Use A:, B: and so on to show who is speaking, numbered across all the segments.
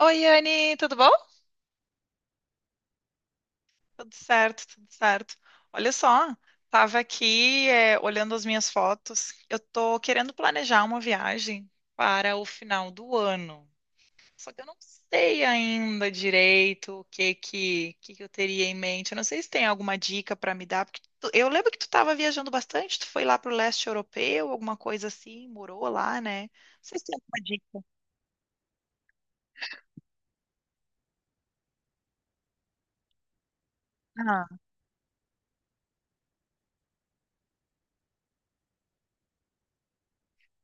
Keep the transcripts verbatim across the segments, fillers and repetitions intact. A: Oi, Anne, tudo bom? Tudo certo, tudo certo. Olha só, tava aqui, é, olhando as minhas fotos. Eu tô querendo planejar uma viagem para o final do ano. Só que eu não sei ainda direito o que que, que que eu teria em mente. Eu não sei se tem alguma dica para me dar, porque tu- eu lembro que tu estava viajando bastante, tu foi lá para o leste europeu, alguma coisa assim, morou lá, né? Não sei se tem alguma dica. Ah,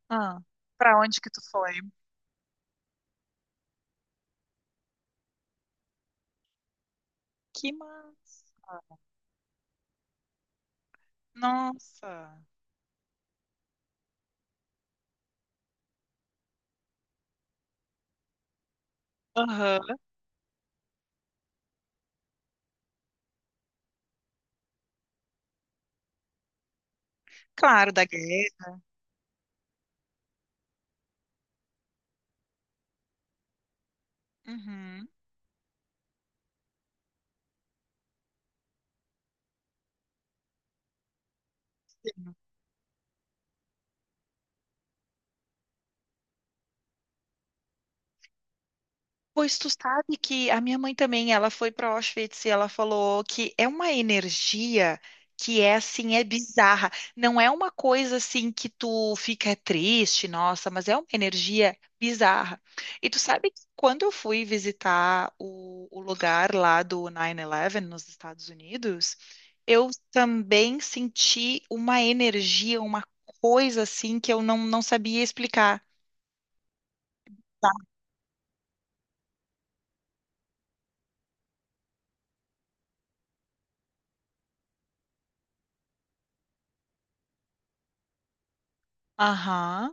A: ah. Para onde que tu foi? Que massa! Nossa! Aham. Claro, da guerra. Uhum. Pois tu sabe que a minha mãe também, ela foi para Auschwitz e ela falou que é uma energia que é assim, é bizarra. Não é uma coisa assim que tu fica triste, nossa, mas é uma energia bizarra. E tu sabe que quando eu fui visitar o, o lugar lá do nove onze nos Estados Unidos, eu também senti uma energia, uma coisa assim que eu não, não sabia explicar. Aham.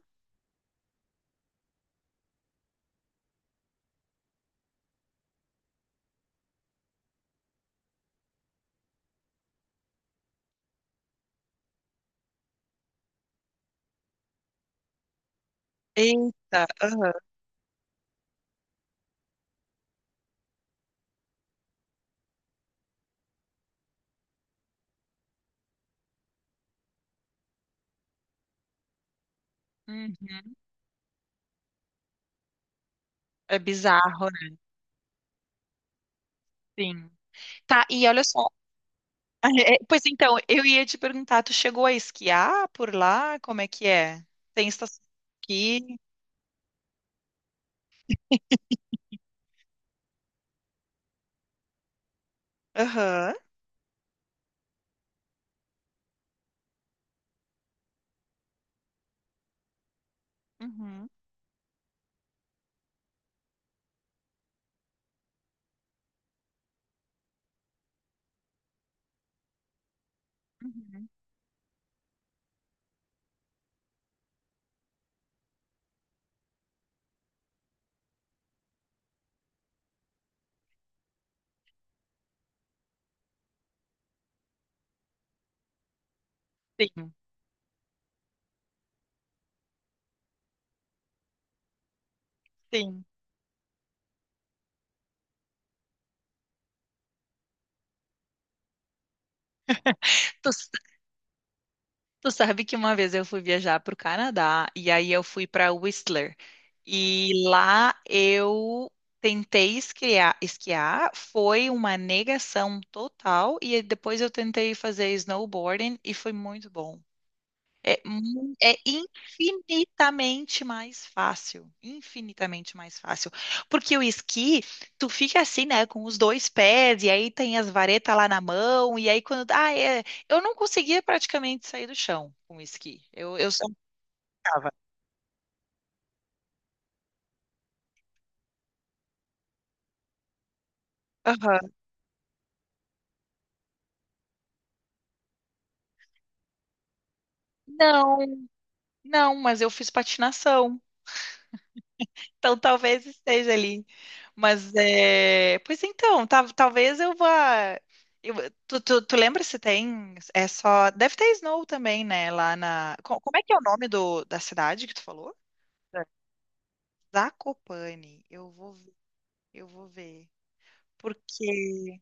A: Eita, aham. Uhum. É bizarro, né? Sim. Tá, e olha só. É, é, Pois então, eu ia te perguntar, tu chegou a esquiar por lá? Como é que é? Tem estação de esqui? Aham. Uhum. Uhum. Sim, sim. Tu sabe que uma vez eu fui viajar para o Canadá e aí eu fui para Whistler. E lá eu tentei esquiar, esquiar, foi uma negação total. E depois eu tentei fazer snowboarding e foi muito bom. É, mu- é infinitamente mais fácil, infinitamente mais fácil. Porque o esqui, tu fica assim, né, com os dois pés, e aí tem as varetas lá na mão, e aí quando. Ah, é. Eu não conseguia praticamente sair do chão com o esqui. Eu, eu só ficava. Aham. Não, não, mas eu fiz patinação. Então talvez esteja ali. Mas é, pois então, ta- talvez eu vá. eu- tu, tu, tu lembra se tem? É só. Deve ter Snow também, né? Lá na. co- Como é que é o nome do, da cidade que tu falou? É. Zakopane. Eu vou, ver- eu vou ver. Porque.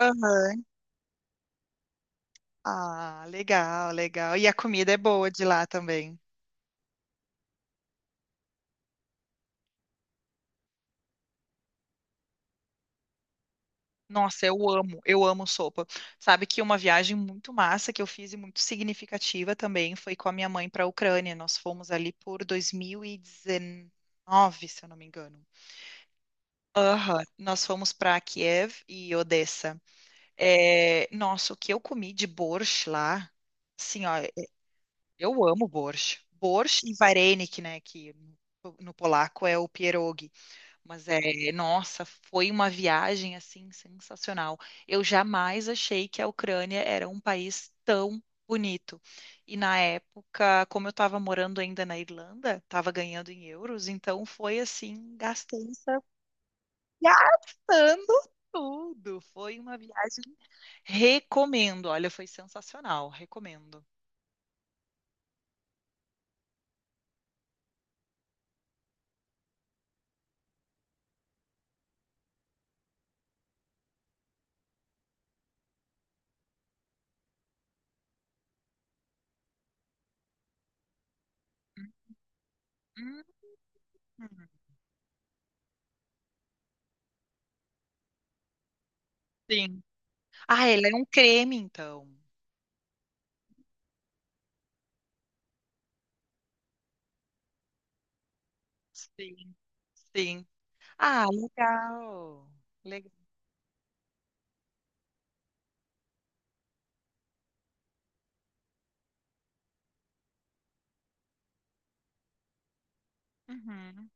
A: Aham. Ah, legal, legal. E a comida é boa de lá também. Nossa, eu amo, eu amo sopa. Sabe que uma viagem muito massa que eu fiz e muito significativa também foi com a minha mãe para a Ucrânia. Nós fomos ali por dois mil e dezenove, se eu não me engano. Aham, nós fomos para Kiev e Odessa. É, nossa, o que eu comi de borscht lá, assim, ó, eu amo borscht. Borscht e varenik, né, que no, no polaco é o pierogi. Mas é, nossa, foi uma viagem assim sensacional. Eu jamais achei que a Ucrânia era um país tão bonito. E na época, como eu estava morando ainda na Irlanda, estava ganhando em euros, então foi assim, gastança, gastando tudo. Foi uma viagem. Recomendo, olha, foi sensacional, recomendo. Hum, sim. Ah, ele é um creme, então. Sim, sim. Ah, legal. Uhum,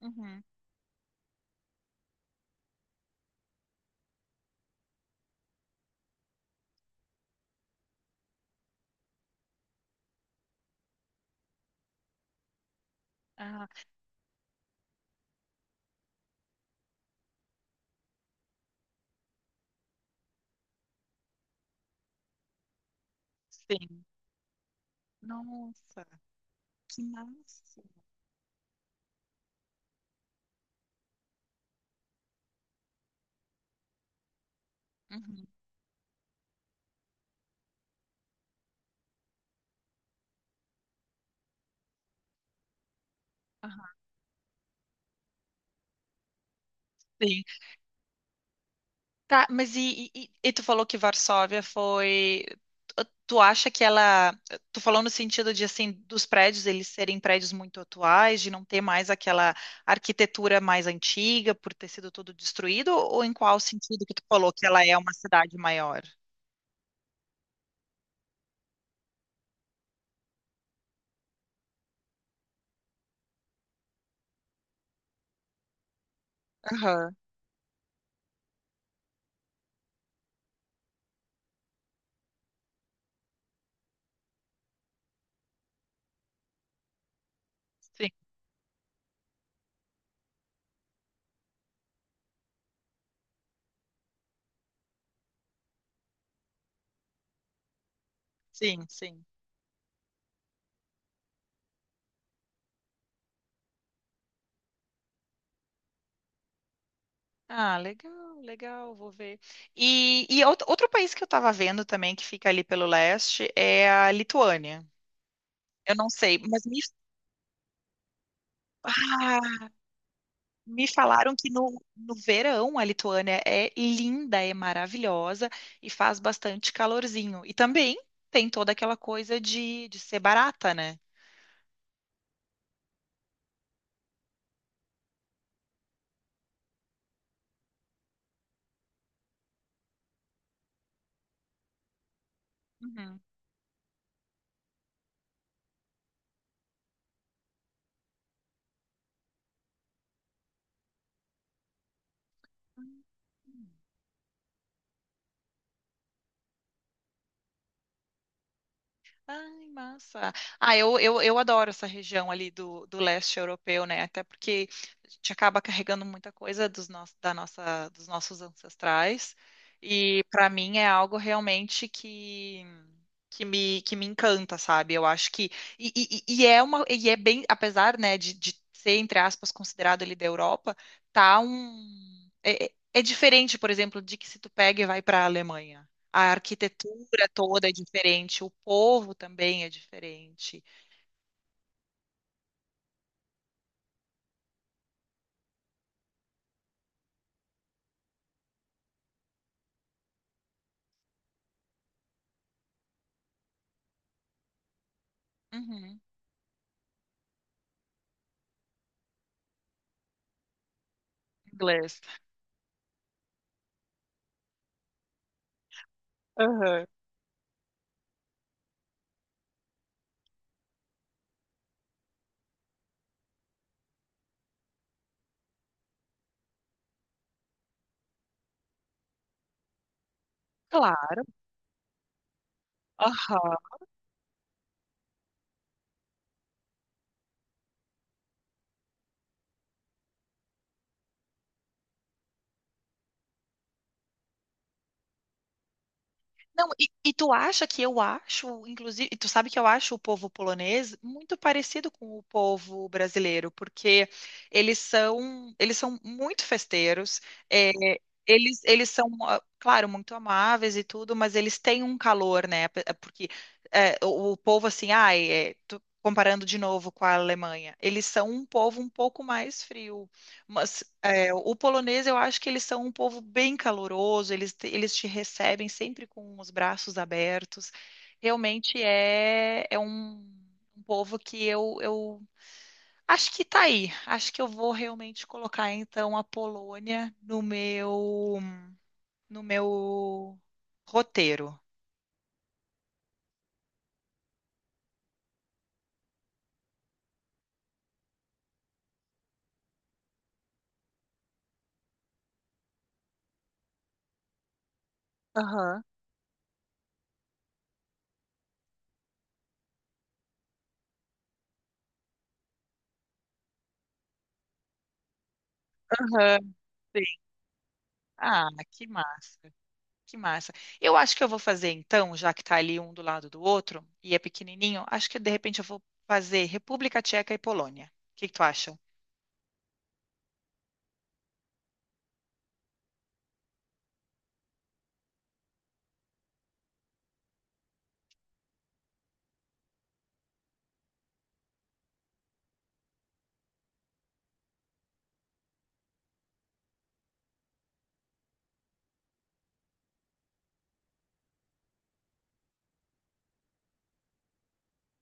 A: uhum. Ah, sim. Nossa, que massa. Uhum, aham, sim. Tá, mas e, e, e tu falou que Varsóvia foi. Tu tu acha que ela. Tu falou no sentido de, assim, dos prédios eles serem prédios muito atuais, de não ter mais aquela arquitetura mais antiga por ter sido tudo destruído, ou em qual sentido que tu falou que ela é uma cidade maior? Aham, Sim, sim, sim. Ah, legal, legal, vou ver. E, e out- outro país que eu estava vendo também, que fica ali pelo leste, é a Lituânia. Eu não sei, mas me, ah, me falaram que no, no verão a Lituânia é linda, é maravilhosa e faz bastante calorzinho. E também tem toda aquela coisa de, de ser barata, né? Uhum. Ai, massa. Ah, eu, eu, eu adoro essa região ali do, do leste europeu, né? Até porque a gente acaba carregando muita coisa dos nos, da nossa, dos nossos ancestrais. E para mim é algo realmente que, que me, que me encanta, sabe? Eu acho que. E, e, e e é uma, e é bem, apesar, né, de, de ser, entre aspas, considerado ali da Europa, tá um. É, é é diferente, por exemplo, de que se tu pega e vai para a Alemanha. A arquitetura toda é diferente, o povo também é diferente. Uhum. Inglês. Aham. Claro. Aham. Não, e, e tu acha que eu acho, inclusive, e tu sabe que eu acho o povo polonês muito parecido com o povo brasileiro, porque eles são, eles são muito festeiros, é, eles, eles são, ah, claro, muito amáveis e tudo, mas eles têm um calor, né? pe- Porque é, o, o povo, assim, ai, é, tu- comparando de novo com a Alemanha, eles são um povo um pouco mais frio, mas é, o polonês, eu acho que eles são um povo bem caloroso, eles, te- eles te recebem sempre com os braços abertos. Realmente é, é um, um povo que eu, eu acho que tá aí. Acho que eu vou realmente colocar então a Polônia no meu, no meu roteiro. Aham, aham. Sim. Ah, que massa. Que massa. Eu acho que eu vou fazer então, já que tá ali um do lado do outro e é pequenininho, acho que de repente eu vou fazer República Tcheca e Polônia. O que que tu acha?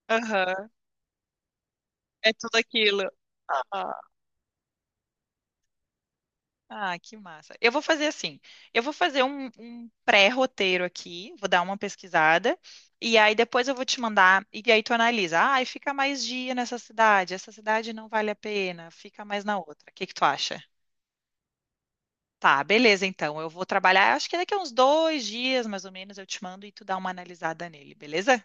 A: Aham, é tudo aquilo. Ah, ah, que massa. Eu vou fazer assim. Eu vou fazer um, um pré-roteiro aqui, vou dar uma pesquisada, e aí depois eu vou te mandar, e aí tu analisa. Ah, fica mais dia nessa cidade, essa cidade não vale a pena, fica mais na outra. O que que tu acha? Tá, beleza, então. Eu vou trabalhar, acho que daqui a uns dois dias, mais ou menos, eu te mando e tu dá uma analisada nele, beleza?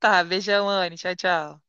A: Tá, beijão, Anne. Tchau, tchau.